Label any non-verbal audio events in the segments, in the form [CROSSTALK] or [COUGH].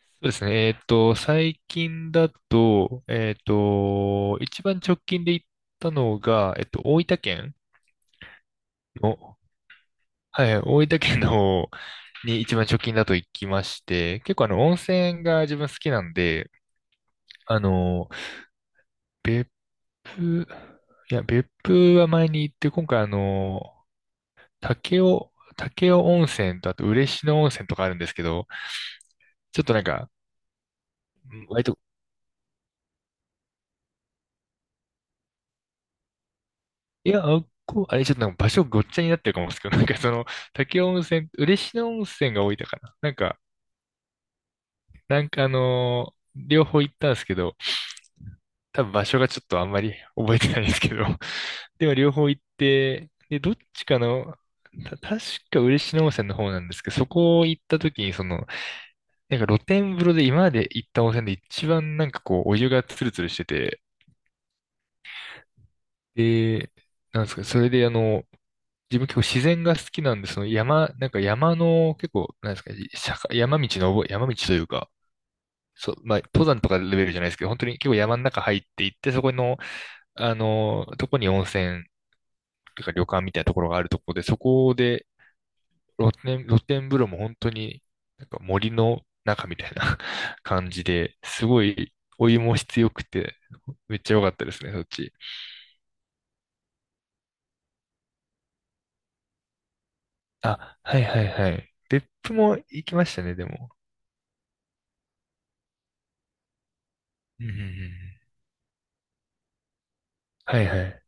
そうですね。最近だと、一番直近で行ったのが、大分県の、はい、大分県の方に一番直近だと行きまして、結構温泉が自分好きなんで、あの、別府、いや、別府は前に行って、今回武雄、武雄温泉と、あと嬉野温泉とかあるんですけど、ちょっとなんか、割といや、あっこ、あれ、ちょっとなんか場所ごっちゃになってるかもですけど、[LAUGHS] なんかその、滝温泉、嬉野温泉が多いたかな。なんか、なんか両方行ったんですけど、多分場所がちょっとあんまり覚えてないんですけど、[LAUGHS] でも両方行って、で、どっちかの、た、確か嬉野温泉の方なんですけど、そこ行った時に、なんか露天風呂で今まで行った温泉で一番なんかこう、お湯がツルツルしてて、で、なんですか、それで自分結構自然が好きなんで、その山、なんか山の結構、なんですか、坂山道の、山道というか、そう、まあ、登山とかレベルじゃないですけど、本当に結構山の中入っていって、そこの、とこに温泉とか旅館みたいなところがあるところで、そこで露天風呂も本当になんか森の中みたいな [LAUGHS] 感じで、すごいお湯も質よくて、めっちゃ良かったですね、そっち。あ、はいはいはい。別府も行きましたね、でも。うんうんうん。はいはい。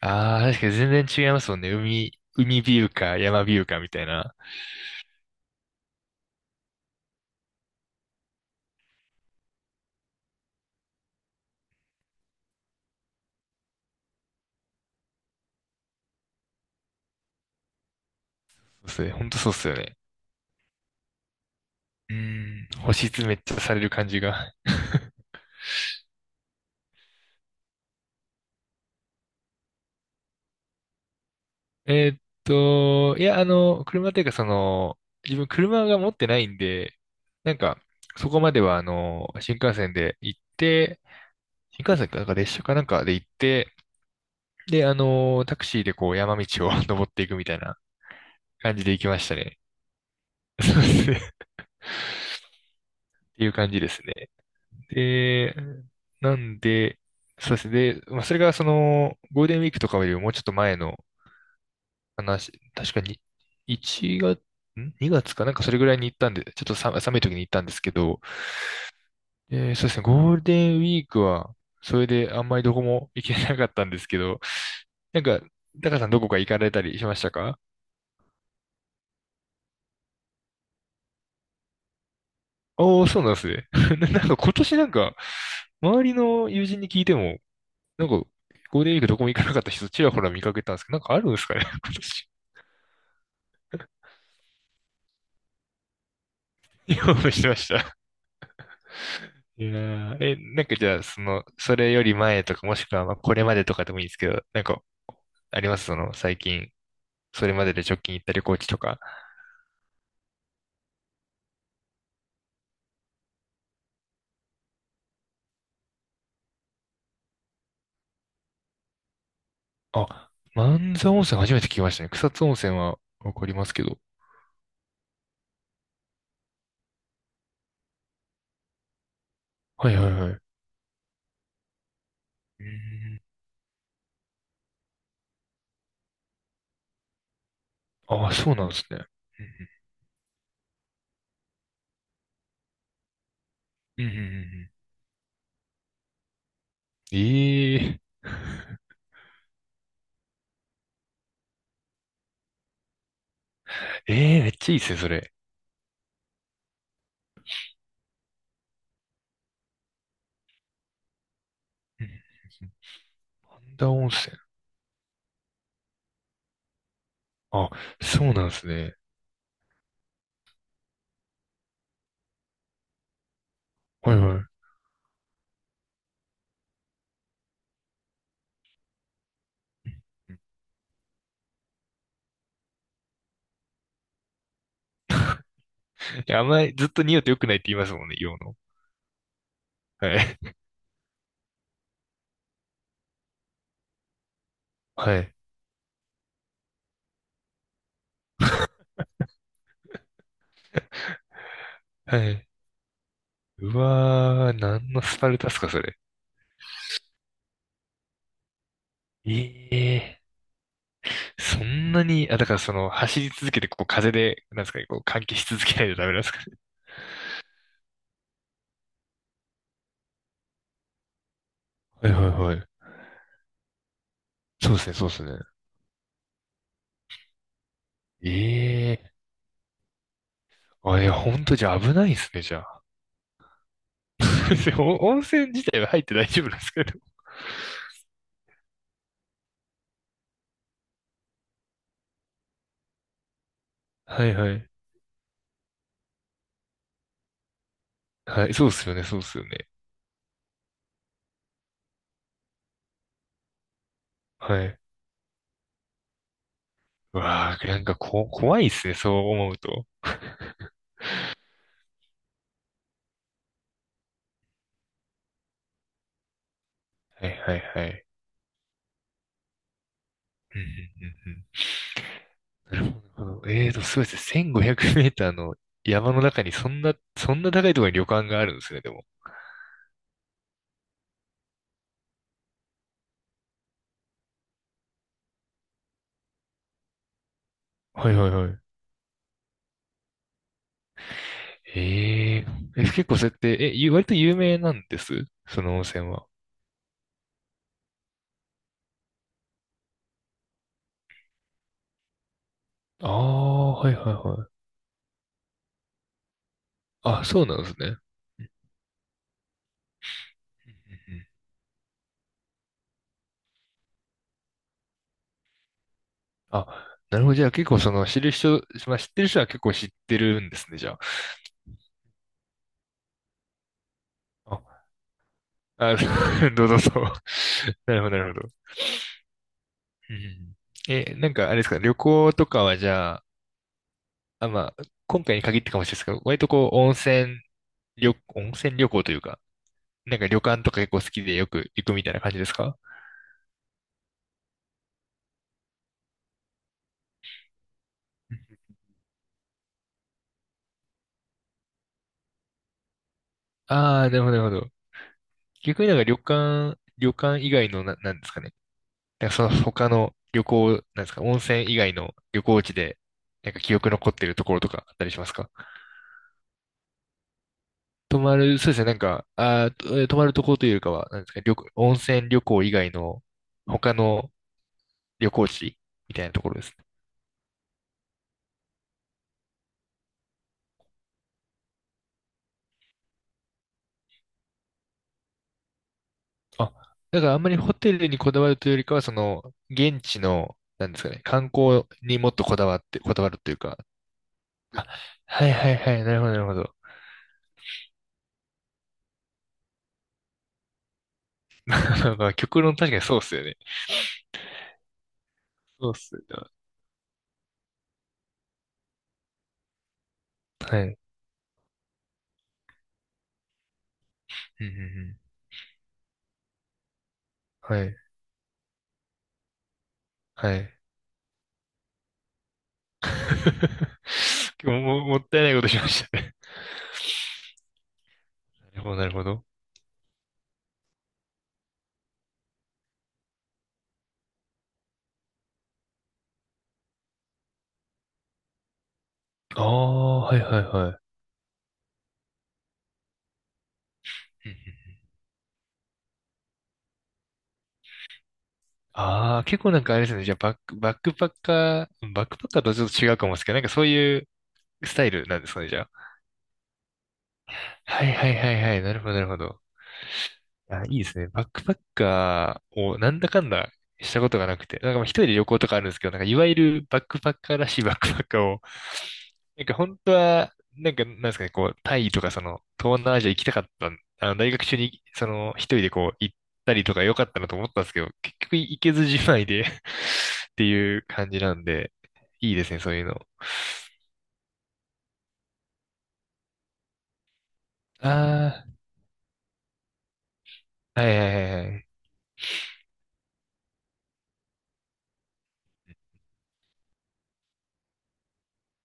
ああ、確かに全然違いますもんね。海、海ビューか山ビューかみたいな。そうっすね。ほんとそうっすよね。うーん、星詰めっちゃされる感じが。[LAUGHS] いや、車っていうかその、自分車が持ってないんで、なんか、そこまでは新幹線で行って、新幹線か、なんか列車かなんかで行って、で、タクシーでこう山道を [LAUGHS] 登っていくみたいな感じで行きましたね。そうですね。っていう感じですね。で、なんで、そうですね。で、まあ、それがその、ゴールデンウィークとかよりももうちょっと前の話、確かに、1月、ん ?2 月かなんかそれぐらいに行ったんで、ちょっとさ寒い時に行ったんですけど、そうですね、ゴールデンウィークは、それであんまりどこも行けなかったんですけど、なんか、タカさんどこか行かれたりしましたか？おー、そうなんですね。[LAUGHS] なんか今年なんか、周りの友人に聞いても、なんか、ゴールデンウィークどこも行かなかった人ちらほら見かけたんですけど、なんかあるんですかね、[LAUGHS] 今年。興味してました。いやー、え、なんかじゃあ、その、それより前とか、もしくは、まあ、これまでとかでもいいんですけど、なんか、ありますその、最近、それまでで直近行った旅行地とか。あ、万座温泉初めて聞きましたね。草津温泉はわかりますけど。はいはいはい。うーん。ああ、そうなんですね。うんうん。うんうんうんうんええ [LAUGHS]。ええ、めっちゃいいですね、それ。うんうんうん半田温泉。あ、そうなんですね。はいはい。いや、あんまりずっと匂うと良くないって言いますもんね、硫黄の。はい。[LAUGHS] はい。はい。うわー、何のスパルタっすか、それ？ええそんなに、あ、だからその、走り続けて、こう、風で、なんですかね、こう、換気し続けないとダメなんですかね？はいはいはい。そうですね、そうですね。えあ、いや、ほんとじゃあ危ないですね、じゃあ。[LAUGHS] お温泉自体は入って大丈夫なんですけど。はいはい。はい、そうっすよね、そうっすよね。はい。うわあ、なんかこ、怖いっすね、そう思うと。はいはいはい。うんうんうんうん。なるほど。なるほどそうですね。1500メーターの山の中にそんな、そんな高いところに旅館があるんですね、でも。はいはいはい。えええ、結構そうやって、え、ゆ割と有名なんですその温泉は？ああ、はいはいはい。あ、そうなんですね。うんうんうんあ、なるほど。じゃあ結構その知る人、まあ、知ってる人は結構知ってるんですね、じゃあ。あ、あ [LAUGHS] どうぞどうぞ。[LAUGHS] なるほど、なるほど。うん。え、なんかあれですか、旅行とかはじゃあ、あ、まあ、今回に限ってかもしれないですけど、割とこう、温泉旅行というか、なんか旅館とか結構好きでよく行くみたいな感じですか？ああー、なるほど、なるほど。逆になんか旅館以外のな、なんですかね。なんかその他の旅行、なんですか、温泉以外の旅行地で、なんか記憶残ってるところとかあったりしますか？泊まる、そうですね、なんか、と泊まるところというよりかは、なんですか、旅行、温泉旅行以外の他の旅行地みたいなところですね。あ、だからあんまりホテルにこだわるというよりかは、その、現地の、なんですかね、観光にもっとこだわって、こだわるというか、はいはいはい、なるほど、なるほど。[LAUGHS] なんか、極論確かにそうっすよね。そうっすよね。はい。うんうんうん。はい。はい。[LAUGHS] 今日も、もったいないことしましたね。なるほど、なるほど。ああ、はいはいはい。ああ、結構なんかあれですね。じゃあ、バック、バックパッカー、バックパッカーとはちょっと違うかもですけど、なんかそういうスタイルなんですかね、じゃあ。はいはいはいはい。なるほど、なるほど。いや、いいですね。バックパッカーをなんだかんだしたことがなくて、なんかまあ一人で旅行とかあるんですけど、なんかいわゆるバックパッカーらしい [LAUGHS] バックパッカーを、なんか本当は、なんかなんですかね、こう、タイとかその、東南アジア行きたかったん、大学中に、その、一人でこう、行ったりとか良かったなと思ったんですけど、結局行けずじまいで [LAUGHS] っていう感じなんで、いいですね、そういうの。ああ、はいはいはいはい。